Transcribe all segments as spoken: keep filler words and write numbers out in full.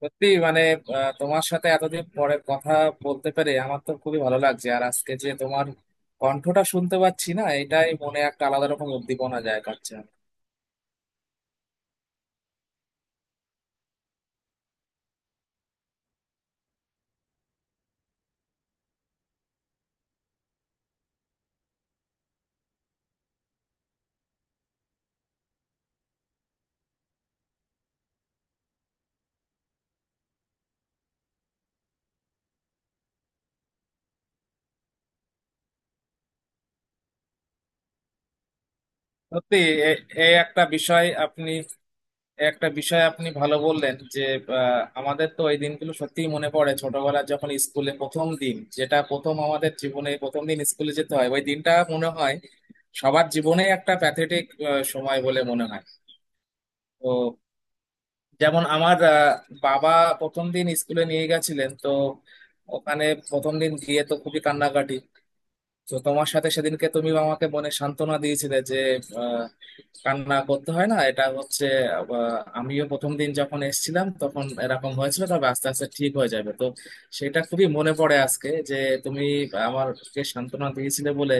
সত্যি মানে আহ, তোমার সাথে এতদিন পরে কথা বলতে পেরে আমার তো খুবই ভালো লাগছে। আর আজকে যে তোমার কণ্ঠটা শুনতে পাচ্ছি না এটাই মনে একটা আলাদা রকম উদ্দীপনা জায়গা করছে। সত্যি। এ এ একটা বিষয় আপনি এ একটা বিষয় আপনি ভালো বললেন যে আহ, আমাদের তো এই দিনগুলো সত্যিই মনে পড়ে ছোটবেলার যখন স্কুলে প্রথম দিন যেটা প্রথম আমাদের জীবনে প্রথম দিন স্কুলে যেতে হয় ওই দিনটা মনে হয় সবার জীবনে একটা প্যাথেটিক সময় বলে মনে হয়। তো যেমন আমার আহ, বাবা প্রথম দিন স্কুলে নিয়ে গেছিলেন। তো ওখানে প্রথম দিন গিয়ে তো খুবই কান্নাকাটি। তো তোমার সাথে সেদিনকে তুমি আমাকে মনে সান্ত্বনা দিয়েছিলে যে আহ, কান্না করতে হয় না, এটা হচ্ছে আহ, আমিও প্রথম দিন যখন এসেছিলাম তখন এরকম হয়েছিল তবে আস্তে আস্তে ঠিক হয়ে যাবে। তো সেটা খুবই মনে পড়ে আজকে যে তুমি আমাকে সান্ত্বনা দিয়েছিলে বলে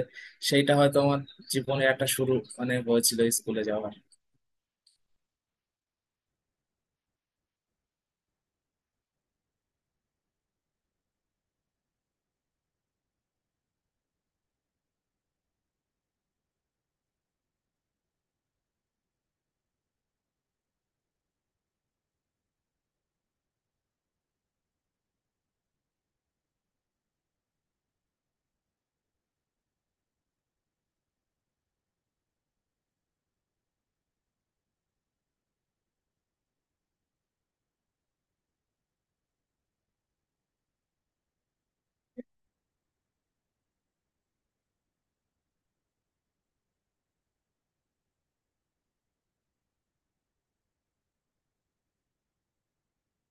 সেইটা হয়তো আমার জীবনে একটা শুরু মানে হয়েছিল স্কুলে যাওয়া।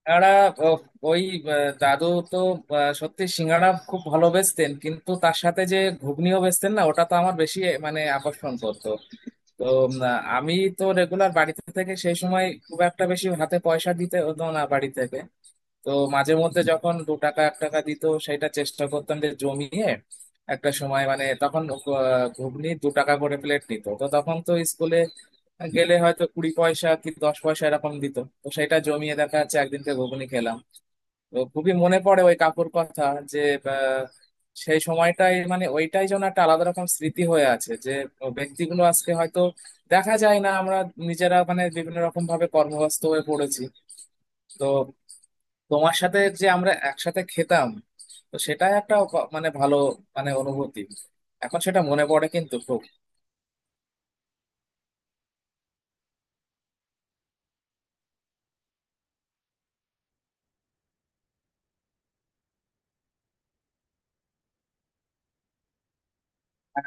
সিঙ্গাড়া। ও- ওই আহ, দাদু। তো আহ, সত্যি সিঙ্গাড়া খুব ভালো বেচতেন কিন্তু তার সাথে যে ঘুগনিও বেচতেন না, ওটা তো আমার বেশি মানে আকর্ষণ করতো। তো উম, আহ, আমি তো রেগুলার বাড়িতে থেকে সেই সময় খুব একটা বেশি হাতে পয়সা দিতে হতো না বাড়ি থেকে। তো মাঝে মধ্যে যখন দু টাকা এক টাকা দিত সেটা চেষ্টা করতাম যে জমিয়ে একটা সময়। মানে তখন আহ, ঘুগনি দু টাকা করে প্লেট নিত। তো তখন তো স্কুলে গেলে হয়তো কুড়ি পয়সা কি দশ পয়সা এরকম দিত। তো সেটা জমিয়ে দেখা যাচ্ছে একদিনকে ঘুগনি খেলাম। তো খুবই মনে পড়ে ওই কাকুর কথা যে আহ, সেই সময়টাই মানে ওইটাই যেন একটা আলাদা রকম স্মৃতি হয়ে আছে যে ব্যক্তিগুলো আজকে হয়তো দেখা যায় না, আমরা নিজেরা মানে বিভিন্ন রকম ভাবে কর্মব্যস্ত হয়ে পড়েছি। তো তোমার সাথে যে আমরা একসাথে খেতাম তো সেটাই একটা অপ- মানে ভালো মানে অনুভূতি এখন সেটা মনে পড়ে কিন্তু খুব।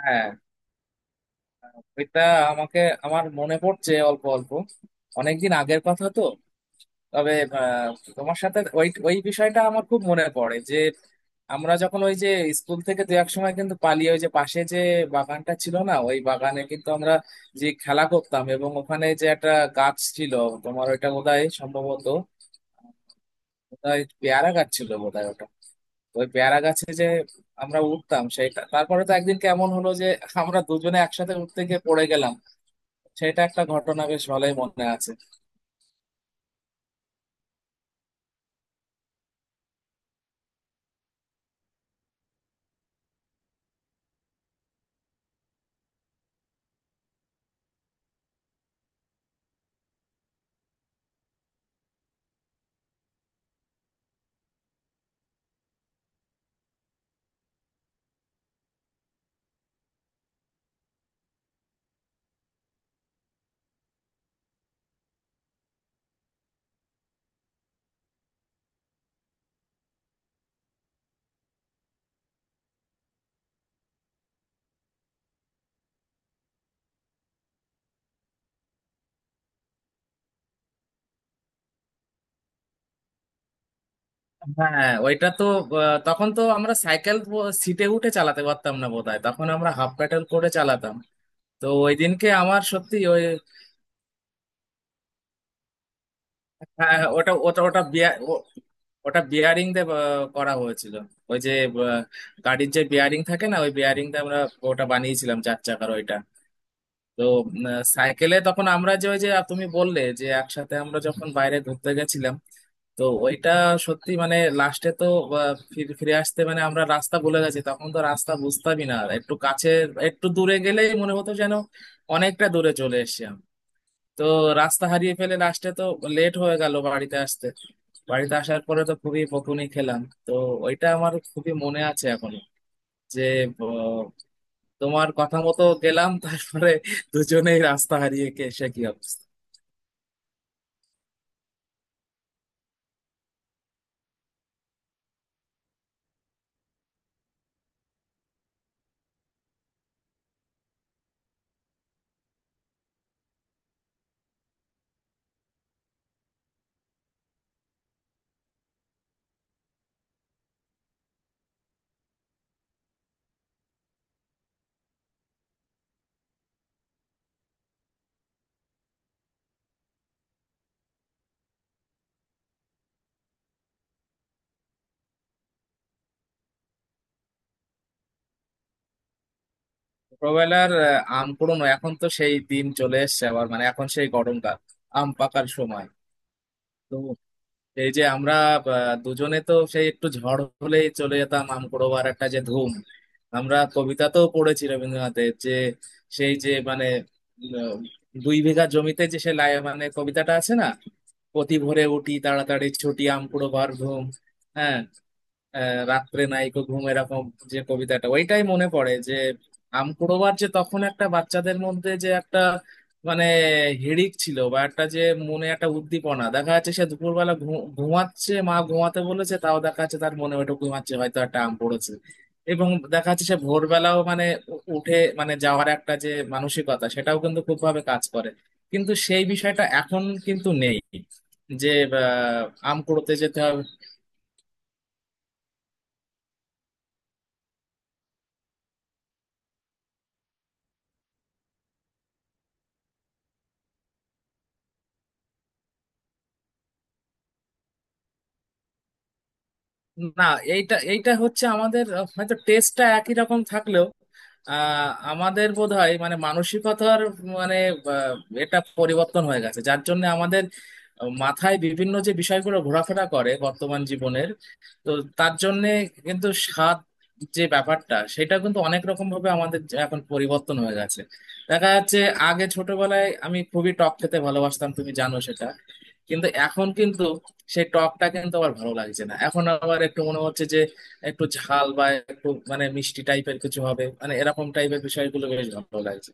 হ্যাঁ। ওইটা আমাকে আমার মনে পড়ছে অল্প অল্প। অনেকদিন আগের কথা তো। তবে আহ, তোমার সাথে ওই ওই বিষয়টা আমার খুব মনে পড়ে যে আমরা যখন ওই যে স্কুল থেকে দু এক সময় কিন্তু পালিয়ে ওই যে পাশে যে বাগানটা ছিল না ওই বাগানে কিন্তু আমরা যে খেলা করতাম এবং ওখানে যে একটা গাছ ছিল। তোমার ওইটা বোধহয় সম্ভবত বোধহয় পেয়ারা গাছ ছিল বোধহয় ওটা। তো ওই পেয়ারা গাছে যে আমরা উঠতাম সেটা, তারপরে তো একদিন কেমন হলো যে আমরা দুজনে একসাথে উঠতে গিয়ে পড়ে গেলাম। সেটা একটা ঘটনা বেশ ভালোই মনে আছে। হ্যাঁ, ওইটা তো আহ, তখন তো আমরা সাইকেল সিটে উঠে চালাতে পারতাম না বোধহয়, তখন আমরা হাফ প্যাডেল করে চালাতাম। তো ওই দিনকে আমার সত্যি ওই। হ্যাঁ, ওটা ওটা ওটা বিয়া- ও- ওটা বিয়ারিং দিয়ে আহ, করা হয়েছিল। ওই যে আহ, গাড়ির যে বিয়ারিং থাকে না ওই বিয়ারিং দিয়ে আমরা ওটা বানিয়েছিলাম চার চাকার ওইটা। তো উম, আহ, সাইকেলে তখন আমরা যে ওই যে তুমি বললে যে একসাথে আমরা যখন বাইরে ঘুরতে গেছিলাম। তো ওইটা সত্যি মানে লাস্টে তো আহ, ফির- ফিরে আসতে মানে আমরা রাস্তা ভুলে গেছি। তখন তো রাস্তা বুঝতামই না, একটু কাছে একটু দূরে গেলেই মনে হতো যেন অনেকটা দূরে চলে এসেছি। তো রাস্তা হারিয়ে ফেলে লাস্টে তো লেট হয়ে গেল বাড়িতে আসতে। বাড়িতে আসার পরে তো খুবই বকুনি খেলাম। তো ওইটা আমার খুবই মনে আছে এখনো যে আহ, তোমার কথা মতো গেলাম তারপরে দুজনেই রাস্তা হারিয়ে কে সে কি অবস্থা। ছোটবেলার আহ, আম কুড়োনো, এখন তো সেই দিন চলে এসেছে আবার মানে এখন সেই গরমকাল আম পাকার সময়। তো এই যে আমরা আহ, দুজনে তো সেই একটু ঝড় হলেই চলে যেতাম আমকুড়োবার একটা যে ধুম। আমরা কবিতা তো পড়েছি রবীন্দ্রনাথের যে সেই যে মানে উম, দুই বিঘা জমিতে যে সে লাই- মানে কবিতাটা আছে না। অতি ভোরে উঠি তাড়াতাড়ি ছুটি আম কুড়ো ভর ধুম। হ্যাঁ। আহ, রাত্রে নাইকো ঘুম, এরকম যে কবিতাটা ওইটাই মনে পড়ে যে আমকুড়োবার যে তখন একটা বাচ্চাদের মধ্যে যে একটা মানে হিড়িক ছিল বা একটা যে মনে একটা উদ্দীপনা দেখা যাচ্ছে। সে দুপুরবেলা ঘু- ঘুমাচ্ছে মা ঘুমাতে বলেছে তাও দেখা যাচ্ছে তার মনে ওইটা ঘুমাচ্ছে হয়তো একটা আম পড়েছে। এবং দেখা যাচ্ছে সে ভোরবেলাও মানে উ- উঠে মানে যাওয়ার একটা যে মানসিকতা সেটাও কিন্তু খুব ভাবে কাজ করে। কিন্তু সেই বিষয়টা এখন কিন্তু নেই যে আহ, আম কুড়োতে যেতে হবে। না, এইটা এইটা হচ্ছে আমাদের আহ, হয়তো টেস্টটা একই রকম থাকলেও আহ, আমাদের বোধহয় মানে মানসিকতার মানে আহ, এটা পরিবর্তন হয়ে গেছে যার জন্য আমাদের আহ, মাথায় বিভিন্ন যে বিষয়গুলো ঘোরাফেরা করে বর্তমান জীবনের। তো তার জন্যে কিন্তু স্বাদ যে ব্যাপারটা সেটা কিন্তু অনেক রকম ভাবে আমাদের যে এখন পরিবর্তন হয়ে গেছে। দেখা যাচ্ছে আগে ছোটবেলায় আমি খুবই টক খেতে ভালোবাসতাম, তুমি জানো সেটা। কিন্তু এখন কিন্তু সেই টকটা কিন্তু আবার ভালো লাগছে না, এখন আবার একটু মনে হচ্ছে যে একটু ঝাল বা একটু মানে মিষ্টি টাইপের কিছু হবে মানে এরকম টাইপের বিষয়গুলো বেশ ভালো লাগছে।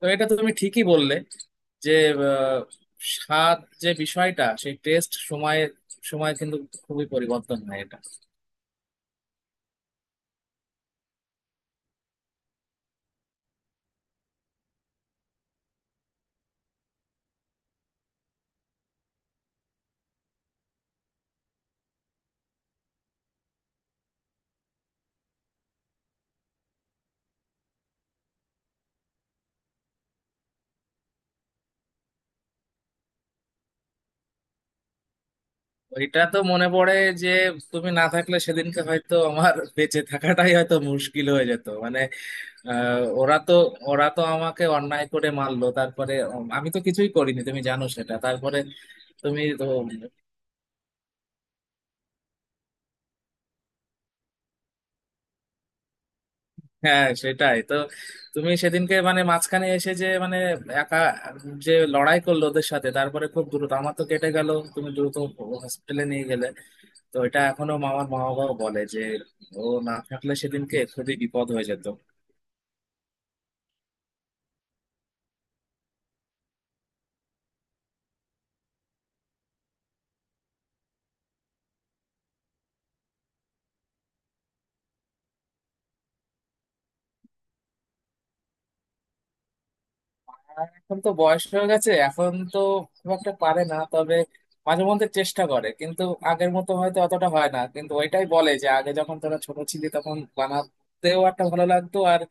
তো এটা তো তুমি ঠিকই বললে যে আহ, স্বাদ যে বিষয়টা সেই টেস্ট সময়ের সময় কিন্তু খুবই পরিবর্তন হয় এটা। এটা তো মনে পড়ে যে তুমি না থাকলে সেদিনকে হয়তো আমার বেঁচে থাকাটাই হয়তো মুশকিল হয়ে যেত মানে। আহ, ওরা তো ওরা তো আমাকে অন্যায় করে মারলো। তারপরে উম, আমি তো কিছুই করিনি, তুমি জানো সেটা। তারপরে তুমি তো। হ্যাঁ সেটাই তো। তুমি সেদিনকে মানে মাঝখানে এসে যে মানে একা যে লড়াই করলো ওদের সাথে তারপরে খুব দ্রুত আমার তো কেটে গেল, তুমি দ্রুত হসপিটালে নিয়ে গেলে। তো এটা এখনো আমার মা বাবা বলে যে ও না থাকলে সেদিনকে খুবই বিপদ হয়ে যেত। আর এখন তো বয়স হয়ে গেছে এখন তো খুব একটা পারে না, তবে মাঝে মধ্যে চেষ্টা করে কিন্তু আগের মতো হয়তো অতটা হয় না। কিন্তু ওইটাই বলে যে আগে যখন তোরা ছোট ছিলি তখন বানাতেও একটা ভালো লাগতো। আর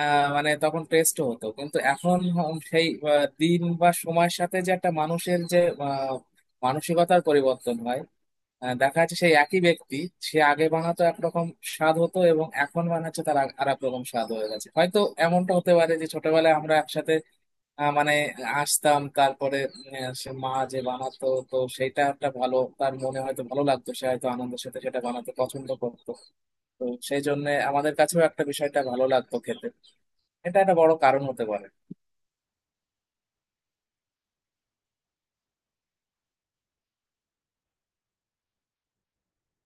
আহ, মানে তখন টেস্টও হতো কিন্তু এখন হ- সেই আহ, দিন বা সময়ের সাথে যে একটা মানুষের যে আহ, মানসিকতার পরিবর্তন হয়। আহ, দেখা যাচ্ছে সেই একই ব্যক্তি সে আগে বানাতো একরকম স্বাদ হতো, এবং এখন বানাচ্ছে তার আর এক রকম স্বাদ হয়ে গেছে হয়তো। এমনটা হতে পারে যে ছোটবেলায় আমরা একসাথে আহ, মানে আসতাম, তারপরে আহ, সে মা যে বানাতো তো সেটা একটা ভালো তার মনে হয়তো ভালো লাগতো, সে হয়তো আনন্দের সাথে সেটা বানাতে পছন্দ করতো। তো সেই জন্য আমাদের কাছেও একটা বিষয়টা ভালো লাগতো খেতে। এটা একটা বড় কারণ হতে পারে।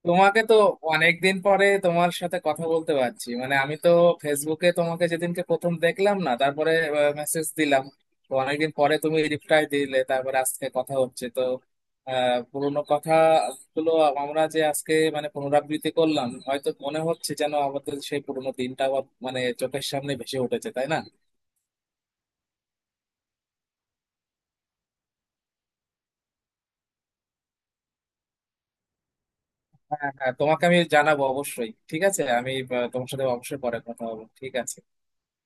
তোমাকে তো অনেকদিন পরে তোমার সাথে কথা বলতে পারছি মানে আমি তো ফেসবুকে তোমাকে যেদিনকে প্রথম দেখলাম না, তারপরে মেসেজ দিলাম। তো অনেকদিন পরে তুমি রিপ্লাই দিলে তারপরে আজকে কথা হচ্ছে। তো আহ পুরোনো কথাগুলো আমরা যে আজকে মানে পুনরাবৃত্তি করলাম হয়তো মনে হচ্ছে যেন আমাদের সেই পুরোনো দিনটা আবার মানে চোখের সামনে ভেসে উঠেছে, তাই না? হ্যাঁ হ্যাঁ তোমাকে আমি জানাবো অবশ্যই। ঠিক আছে, আমি আহ, তোমার সাথে অবশ্যই পরে কথা হবে। ঠিক আছে।